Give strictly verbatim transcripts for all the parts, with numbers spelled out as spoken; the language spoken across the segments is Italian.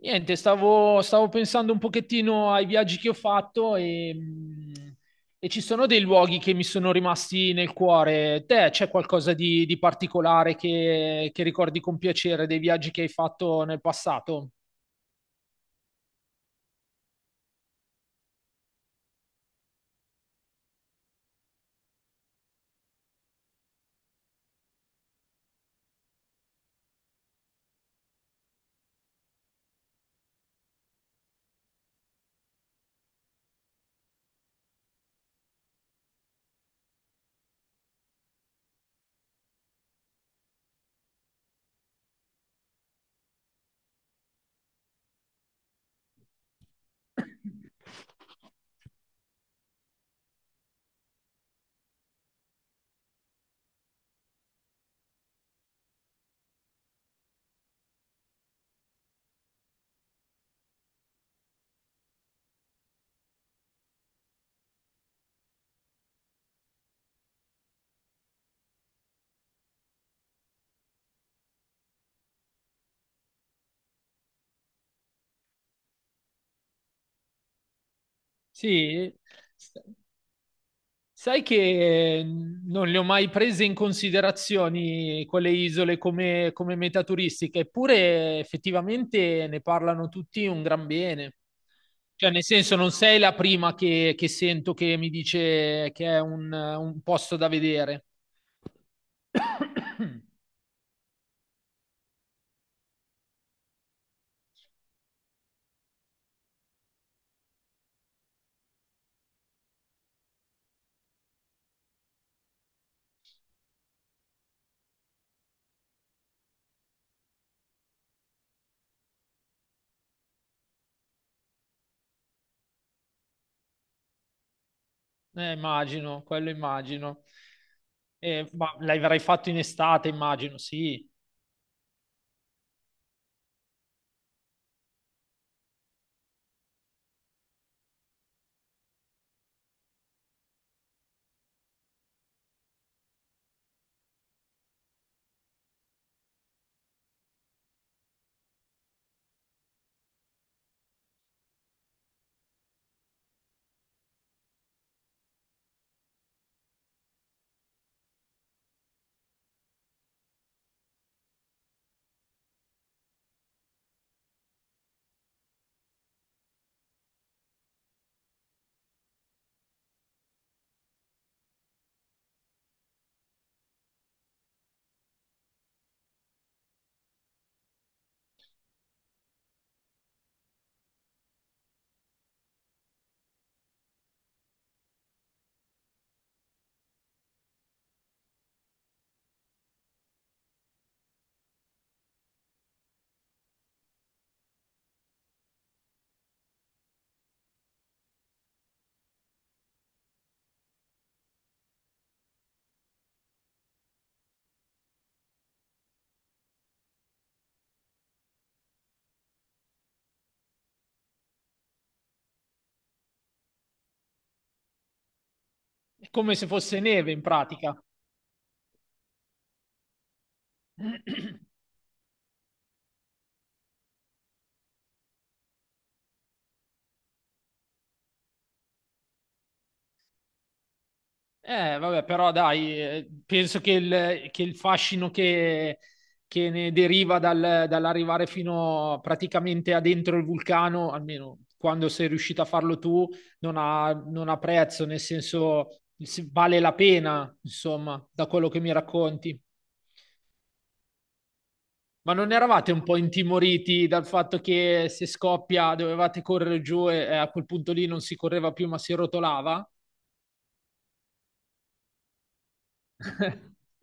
Niente, stavo, stavo pensando un pochettino ai viaggi che ho fatto e, mh, e ci sono dei luoghi che mi sono rimasti nel cuore. Te c'è qualcosa di, di particolare che, che ricordi con piacere dei viaggi che hai fatto nel passato? Sì, s- sai che non le ho mai prese in considerazione quelle isole come, come meta turistica, eppure effettivamente ne parlano tutti un gran bene. Cioè, nel senso, non sei la prima che, che sento che mi dice che è un, un posto da vedere. Eh, immagino, quello immagino. Eh, ma l'avrai fatto in estate, immagino, sì. È come se fosse neve in pratica. Eh, vabbè, però dai, eh, penso che il, che il fascino che, che ne deriva dal- dall'arrivare fino praticamente a dentro il vulcano, almeno quando sei riuscito a farlo tu, non ha, non ha prezzo, nel senso se- vale la pena, insomma, da quello che mi racconti. Ma non eravate un po' intimoriti dal fatto che se scoppia dovevate correre giù e eh, a quel punto lì non si correva più, ma si rotolava?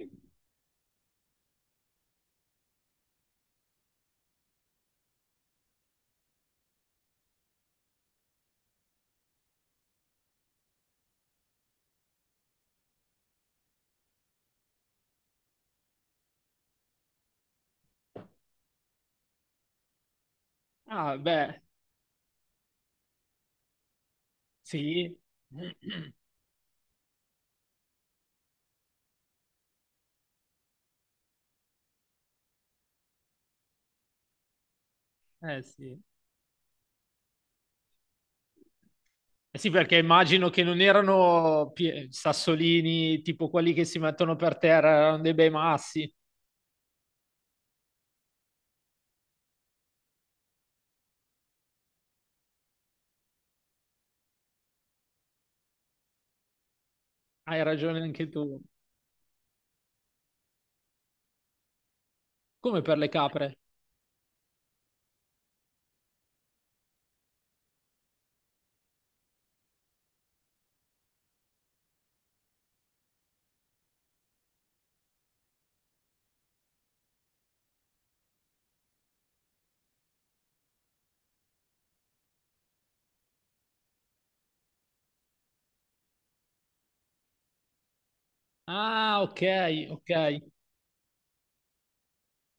Ah, beh, sì. Eh sì. Eh sì, perché immagino che non erano pie- sassolini tipo quelli che si mettono per terra, erano dei bei massi. Hai ragione anche tu. Come per le capre? Ah, ok, ok,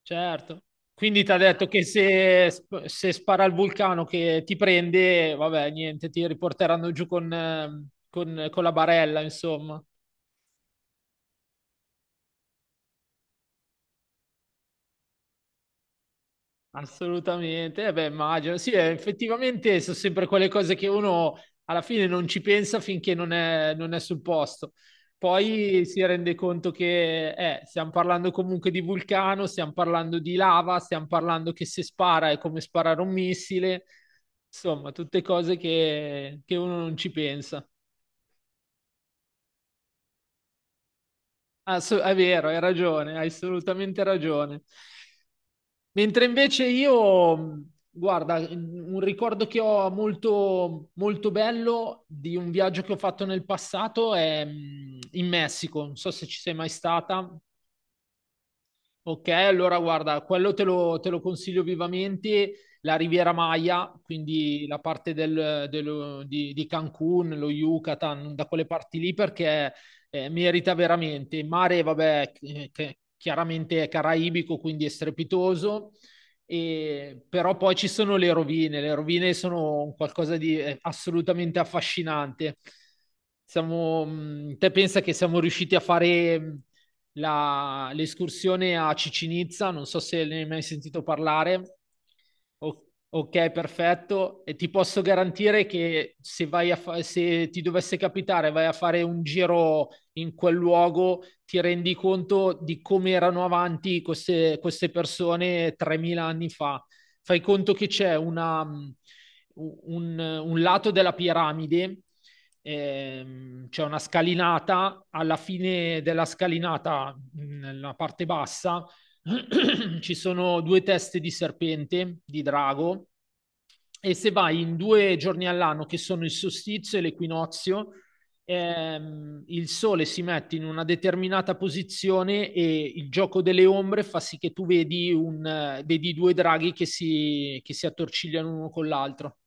certo. Quindi ti ha detto che se, sp- se spara il vulcano che ti prende, vabbè, niente, ti riporteranno giù con, ehm, con, con la barella, insomma. Assolutamente, eh beh, immagino. Sì, eh, effettivamente sono sempre quelle cose che uno alla fine non ci pensa finché non è, non è sul posto. Poi si rende conto che eh, stiamo parlando comunque di vulcano, stiamo parlando di lava, stiamo parlando che se spara è come sparare un missile, insomma, tutte cose che, che uno non ci pensa. Asso- è vero, hai ragione, hai assolutamente ragione. Mentre invece io, guarda, un ricordo che ho molto, molto bello di un viaggio che ho fatto nel passato è mm, in Messico. Non so se ci sei mai stata. Ok, allora guarda, quello te lo, te lo consiglio vivamente, la Riviera Maya, quindi la parte del- dello- di, di Cancun, lo Yucatan, da quelle parti lì perché eh, merita veramente. Il mare, vabbè, eh, che chiaramente è caraibico, quindi è strepitoso, e- però poi ci sono le rovine, le rovine sono un qualcosa di eh, assolutamente affascinante. Siamo, mh, te pensa che siamo riusciti a fare mh, la- l'escursione a Cicinizza, non so se ne hai mai sentito parlare. O- ok, perfetto. E ti posso garantire che se vai a fa- se ti dovesse capitare, vai a fare un giro in quel luogo, ti rendi conto di come erano avanti queste, queste persone tremila anni fa. Fai conto che c'è una, un un lato della piramide ehm, c'è una scalinata, alla fine della scalinata, nella parte bassa, ci sono due teste di serpente, di drago, e se vai in due giorni all'anno, che sono il solstizio e l'equinozio, ehm, il sole si mette in una determinata posizione e il gioco delle ombre fa sì che tu vedi, un, eh, vedi due draghi che si, che si attorcigliano uno con l'altro.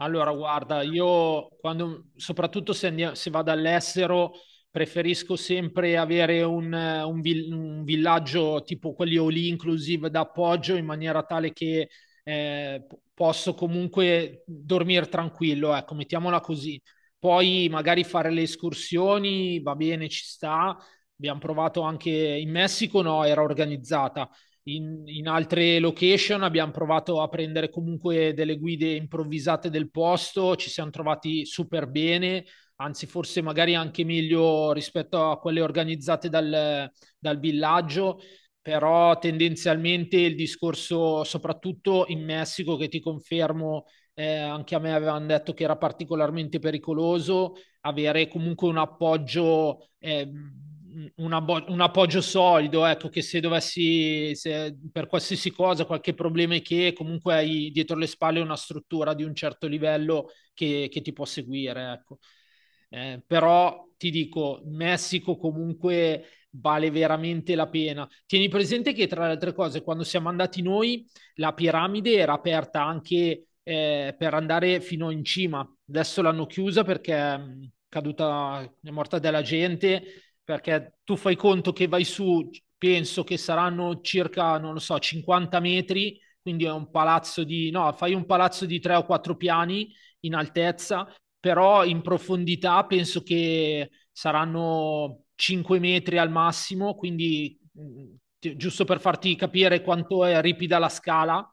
Allora, guarda, io quando, soprattutto se, andia- se vado all'estero, preferisco sempre avere un, eh, un vil- un villaggio tipo quelli all inclusive d'appoggio in maniera tale che eh, p- posso comunque dormire tranquillo, ecco, mettiamola così. Poi magari fare le escursioni, va bene, ci sta. Abbiamo provato anche in Messico, no, era organizzata in, in altre location, abbiamo provato a prendere comunque delle guide improvvisate del posto, ci siamo trovati super bene, anzi forse magari anche meglio rispetto a quelle organizzate dal, dal villaggio, però tendenzialmente il discorso, soprattutto in Messico, che ti confermo, eh, anche a me avevano detto che era particolarmente pericoloso, avere comunque un appoggio, eh, un, abbo- un appoggio solido, ecco, che se dovessi, se per qualsiasi cosa, qualche problema, è che comunque hai dietro le spalle una struttura di un certo livello che, che ti può seguire, ecco. Eh, però ti dico, Messico comunque vale veramente la pena. Tieni presente che tra le altre cose, quando siamo andati noi, la piramide era aperta anche eh, per andare fino in cima. Adesso l'hanno chiusa perché mm, è caduta, è morta della gente, perché tu fai conto che vai su, penso che saranno circa, non lo so, cinquanta metri, quindi è un palazzo di, no, fai un palazzo di tre o quattro piani in altezza, però in profondità penso che saranno cinque metri al massimo, quindi ti- giusto per farti capire quanto è ripida la scala,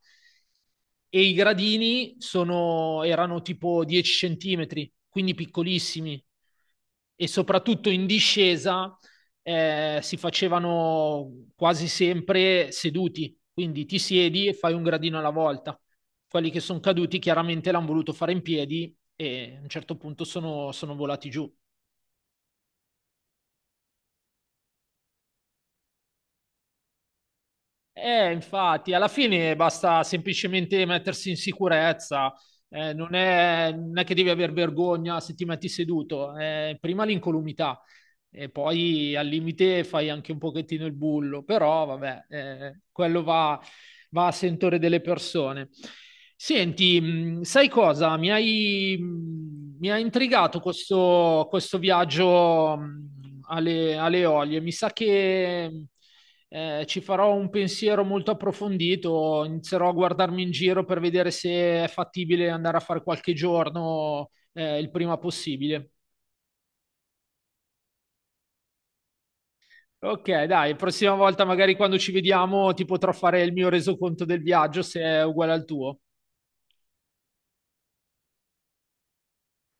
e i gradini sono- erano tipo dieci centimetri, quindi piccolissimi, e soprattutto in discesa eh, si facevano quasi sempre seduti, quindi ti siedi e fai un gradino alla volta. Quelli che sono caduti chiaramente l'hanno voluto fare in piedi e a un certo punto sono sono volati giù. Eh, infatti, alla fine basta semplicemente mettersi in sicurezza, eh, non è, non è che devi aver vergogna se ti metti seduto, eh, prima l'incolumità e poi al limite fai anche un pochettino il bullo, però vabbè, eh, quello va, va a sentore delle persone. Senti, mh, sai cosa? Mi hai, mh, mi ha intrigato questo, questo viaggio mh, alle, alle Eolie, mi sa che eh, ci farò un pensiero molto approfondito, inizierò a guardarmi in giro per vedere se è fattibile andare a fare qualche giorno, eh, il prima possibile. Ok, dai, prossima volta magari quando ci vediamo ti potrò fare il mio resoconto del viaggio se è uguale al tuo.